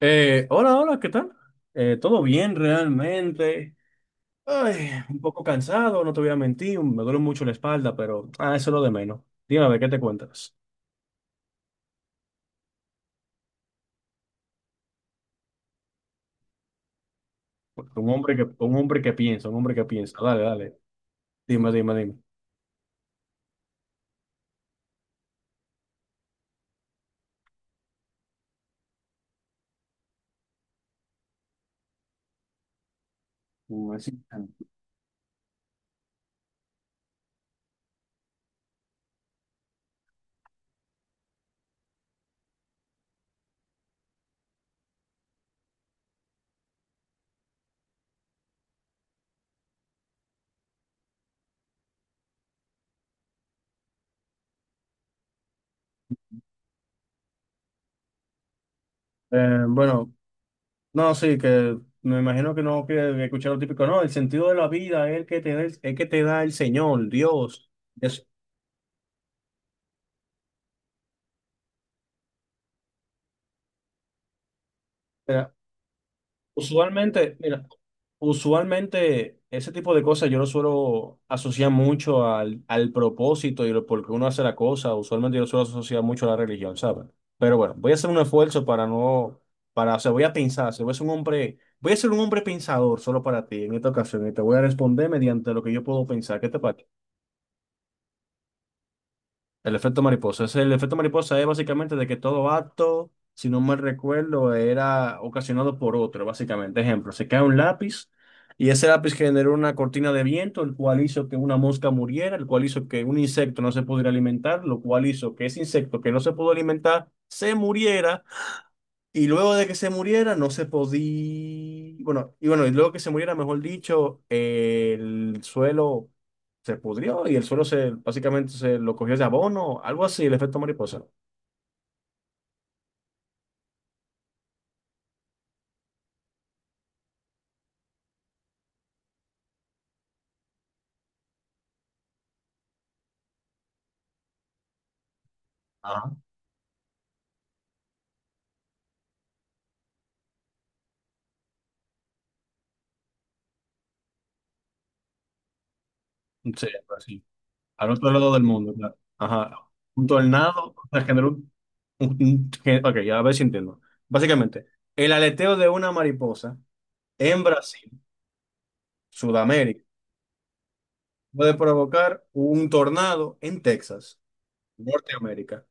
Hola, hola, ¿qué tal? Todo bien realmente. Ay, un poco cansado, no te voy a mentir, me duele mucho la espalda, pero eso es lo de menos. Dime, a ver, ¿qué te cuentas? Un hombre que piensa, un hombre que piensa. Dale, dale. Dime, dime, dime. Mm, así. Bueno, no, sí, que me imagino que no quieres escuchar lo típico, no, el sentido de la vida es el que te da el, es que te da el Señor, Dios. Es- eh, Usualmente, mira, usualmente ese tipo de cosas yo lo suelo asociar mucho al propósito y por qué uno hace la cosa. Usualmente yo lo suelo asociar mucho a la religión, ¿sabes? Pero bueno, voy a hacer un esfuerzo para no, para, o sea, voy a pensar, se voy a ser un hombre pensador solo para ti en esta ocasión y te voy a responder mediante lo que yo puedo pensar. ¿Qué te parece? El efecto mariposa. Es básicamente de que todo acto, si no mal recuerdo, era ocasionado por otro, básicamente. Ejemplo, se cae un lápiz y ese lápiz generó una cortina de viento, el cual hizo que una mosca muriera, el cual hizo que un insecto no se pudiera alimentar, lo cual hizo que ese insecto que no se pudo alimentar se muriera y luego de que se muriera, no se podía. Bueno, y luego que se muriera, mejor dicho, el suelo se pudrió y el suelo se básicamente se lo cogió de abono, algo así, el efecto mariposa. Ajá. Sí, pues sí. Al otro lado del mundo, claro. Ajá. Un tornado, o sea, generó Ok, ya a ver si entiendo. Básicamente, el aleteo de una mariposa en Brasil, Sudamérica, puede provocar un tornado en Texas, Norteamérica.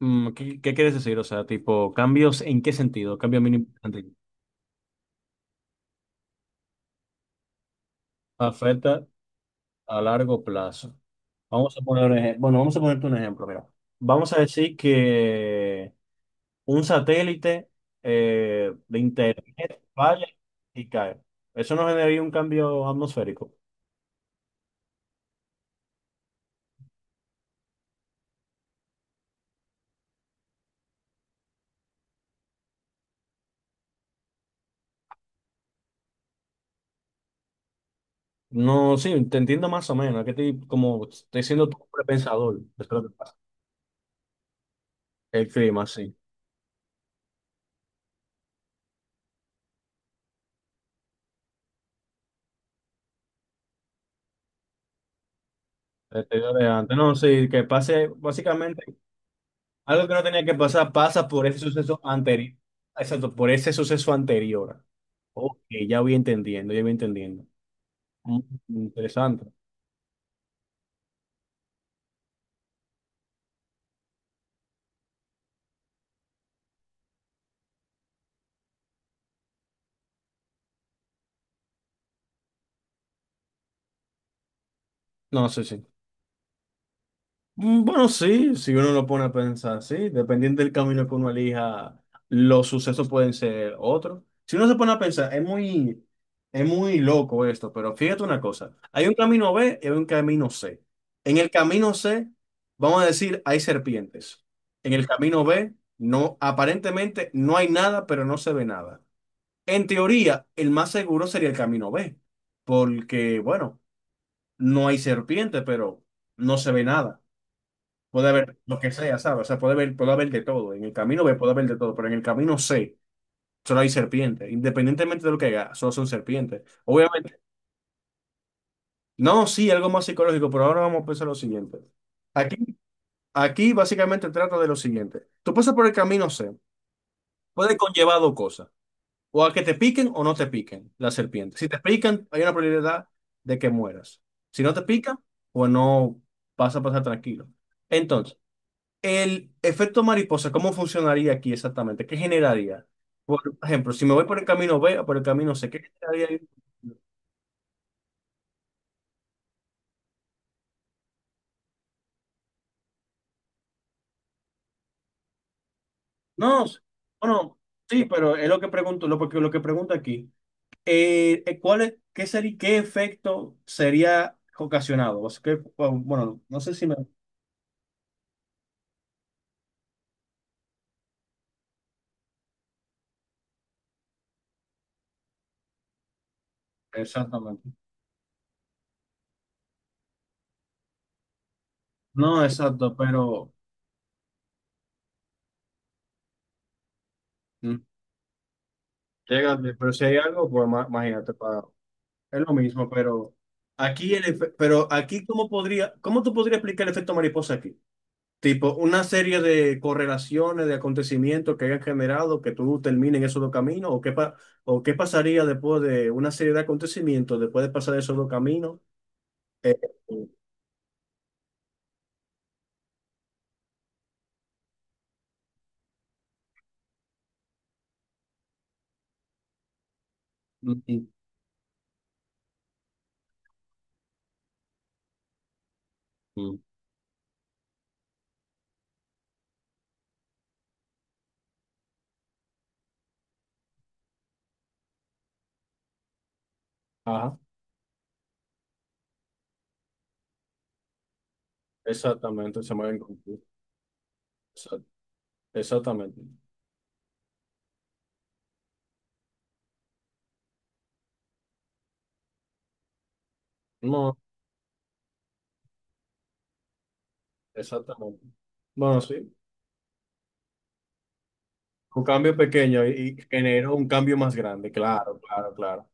Mm. ¿Qué quieres decir? O sea, tipo, ¿cambios en qué sentido? Cambio mínimo importante. Afecta a largo plazo. Vamos a poner, un ejem- Bueno, vamos a ponerte un ejemplo, mira. Vamos a decir que un satélite de internet falla y cae. Eso no generaría un cambio atmosférico. No, sí, te entiendo más o menos. Como estoy siendo tu pensador, es lo que pasa. El clima, sí. Te digo de antes. No, sí, que pase básicamente. Algo que no tenía que pasar pasa por ese suceso anterior. Exacto, por ese suceso anterior. Ok, ya voy entendiendo, ya voy entendiendo. Mm, interesante. No, sé sí. Bueno, sí, si uno lo pone a pensar, sí, dependiendo del camino que uno elija, los sucesos pueden ser otros. Si uno se pone a pensar, es muy loco esto, pero fíjate una cosa, hay un camino B y hay un camino C. En el camino C, vamos a decir, hay serpientes. En el camino B, no, aparentemente no hay nada, pero no se ve nada. En teoría, el más seguro sería el camino B, porque, bueno, no hay serpiente, pero no se ve nada. Puede haber lo que sea, ¿sabes? O sea, puede haber de todo. En el camino B puede haber de todo, pero en el camino C solo hay serpientes. Independientemente de lo que haga, solo son serpientes. Obviamente, no, sí, algo más psicológico, pero ahora vamos a pensar lo siguiente. Aquí, aquí básicamente trata de lo siguiente. Tú pasas por el camino C, puede conllevar dos cosas. O a que te piquen o no te piquen las serpientes. Si te pican, hay una probabilidad de que mueras. Si no te pica, pues no vas a pasar tranquilo. Entonces, el efecto mariposa, ¿cómo funcionaría aquí exactamente? ¿Qué generaría? Por ejemplo, si me voy por el camino B o por el camino C, ¿qué generaría ahí? No, bueno, sí, pero es lo que pregunto, porque lo que pregunto aquí. ¿Cuál es, qué sería, qué efecto sería ocasionado? O sea, que, bueno, no sé si me. Exactamente. No, exacto, pero. Mm. Llega, pero si hay algo, pues imagínate, para. Es lo mismo, pero aquí, ¿cómo podría, cómo tú podrías explicar el efecto mariposa aquí? Tipo, una serie de correlaciones, de acontecimientos que hayan generado que tú termines en esos dos caminos, o qué pasaría después de una serie de acontecimientos, después de pasar esos dos caminos. Eh, mm, mm, mm. Ajá, exactamente, se me había confundido. Exa- Exactamente. No, exactamente. Bueno, sí, un cambio pequeño y generó un cambio más grande, claro, claro, claro.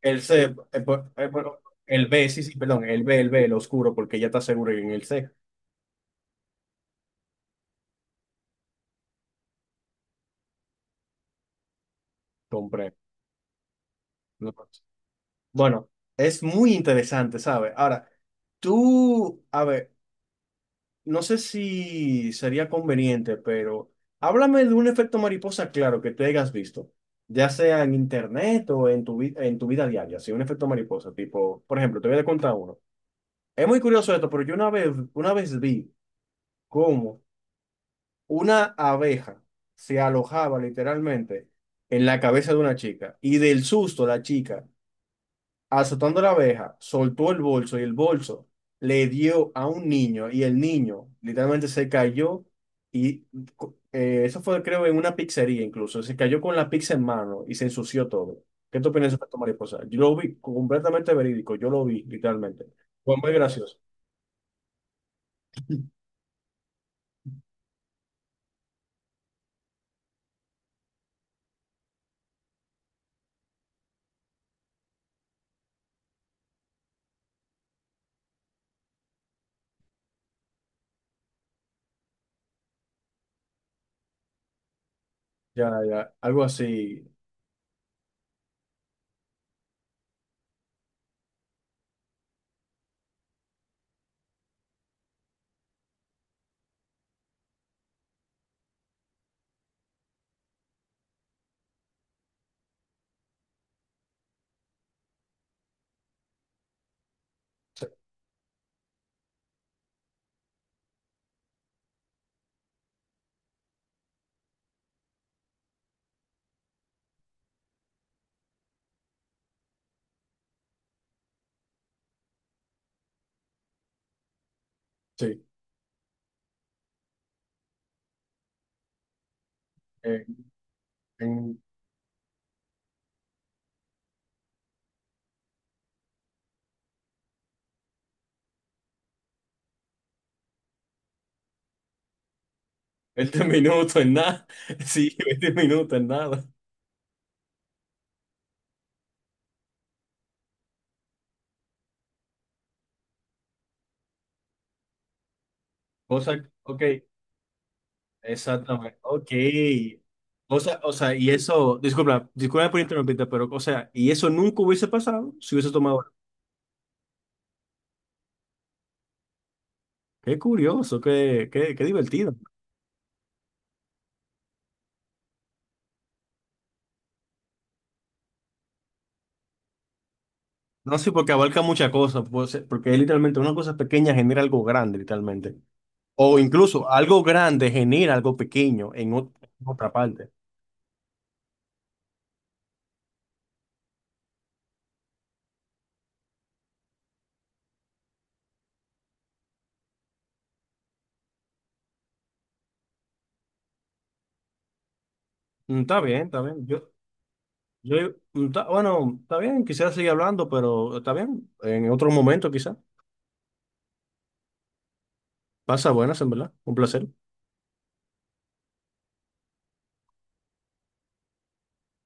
El C, por- El B, sí, sí, perdón, el B, el oscuro, porque ya está seguro en el C. Compré. No. Bueno, es muy interesante, ¿sabes? Ahora, a ver, no sé si sería conveniente, pero háblame de un efecto mariposa claro que te hayas visto, ya sea en internet o en tu vida diaria, si un efecto mariposa, tipo, por ejemplo, te voy a contar uno. Es muy curioso esto, pero yo una vez vi cómo una abeja se alojaba literalmente en la cabeza de una chica y del susto la chica, azotando a la abeja, soltó el bolso y el bolso le dio a un niño y el niño literalmente se cayó y eso fue, creo, en una pizzería incluso, se cayó con la pizza en mano y se ensució todo. ¿Qué tú opinas de esto, mariposa? Yo lo vi completamente verídico, yo lo vi literalmente. Fue muy gracioso. Ya, ya, algo así. Sí, sí. Eh, en- 20 minutos en nada. Sí, 20 minutos en nada. Cosa, ok, exactamente. Ok. O sea, y eso, disculpa, disculpa por interrumpirte, pero, o sea, y eso nunca hubiese pasado si hubiese tomado. Qué curioso, qué divertido. No sé, porque abarca muchas cosas, puede ser porque es literalmente una cosa pequeña genera algo grande, literalmente. O incluso algo grande genera algo pequeño en otra parte. Mm. Está bien, está bien. Yo. Yo, bueno, está bien, quisiera seguir hablando, pero está bien, en otro momento quizá. Pasa buenas, en verdad. Un placer.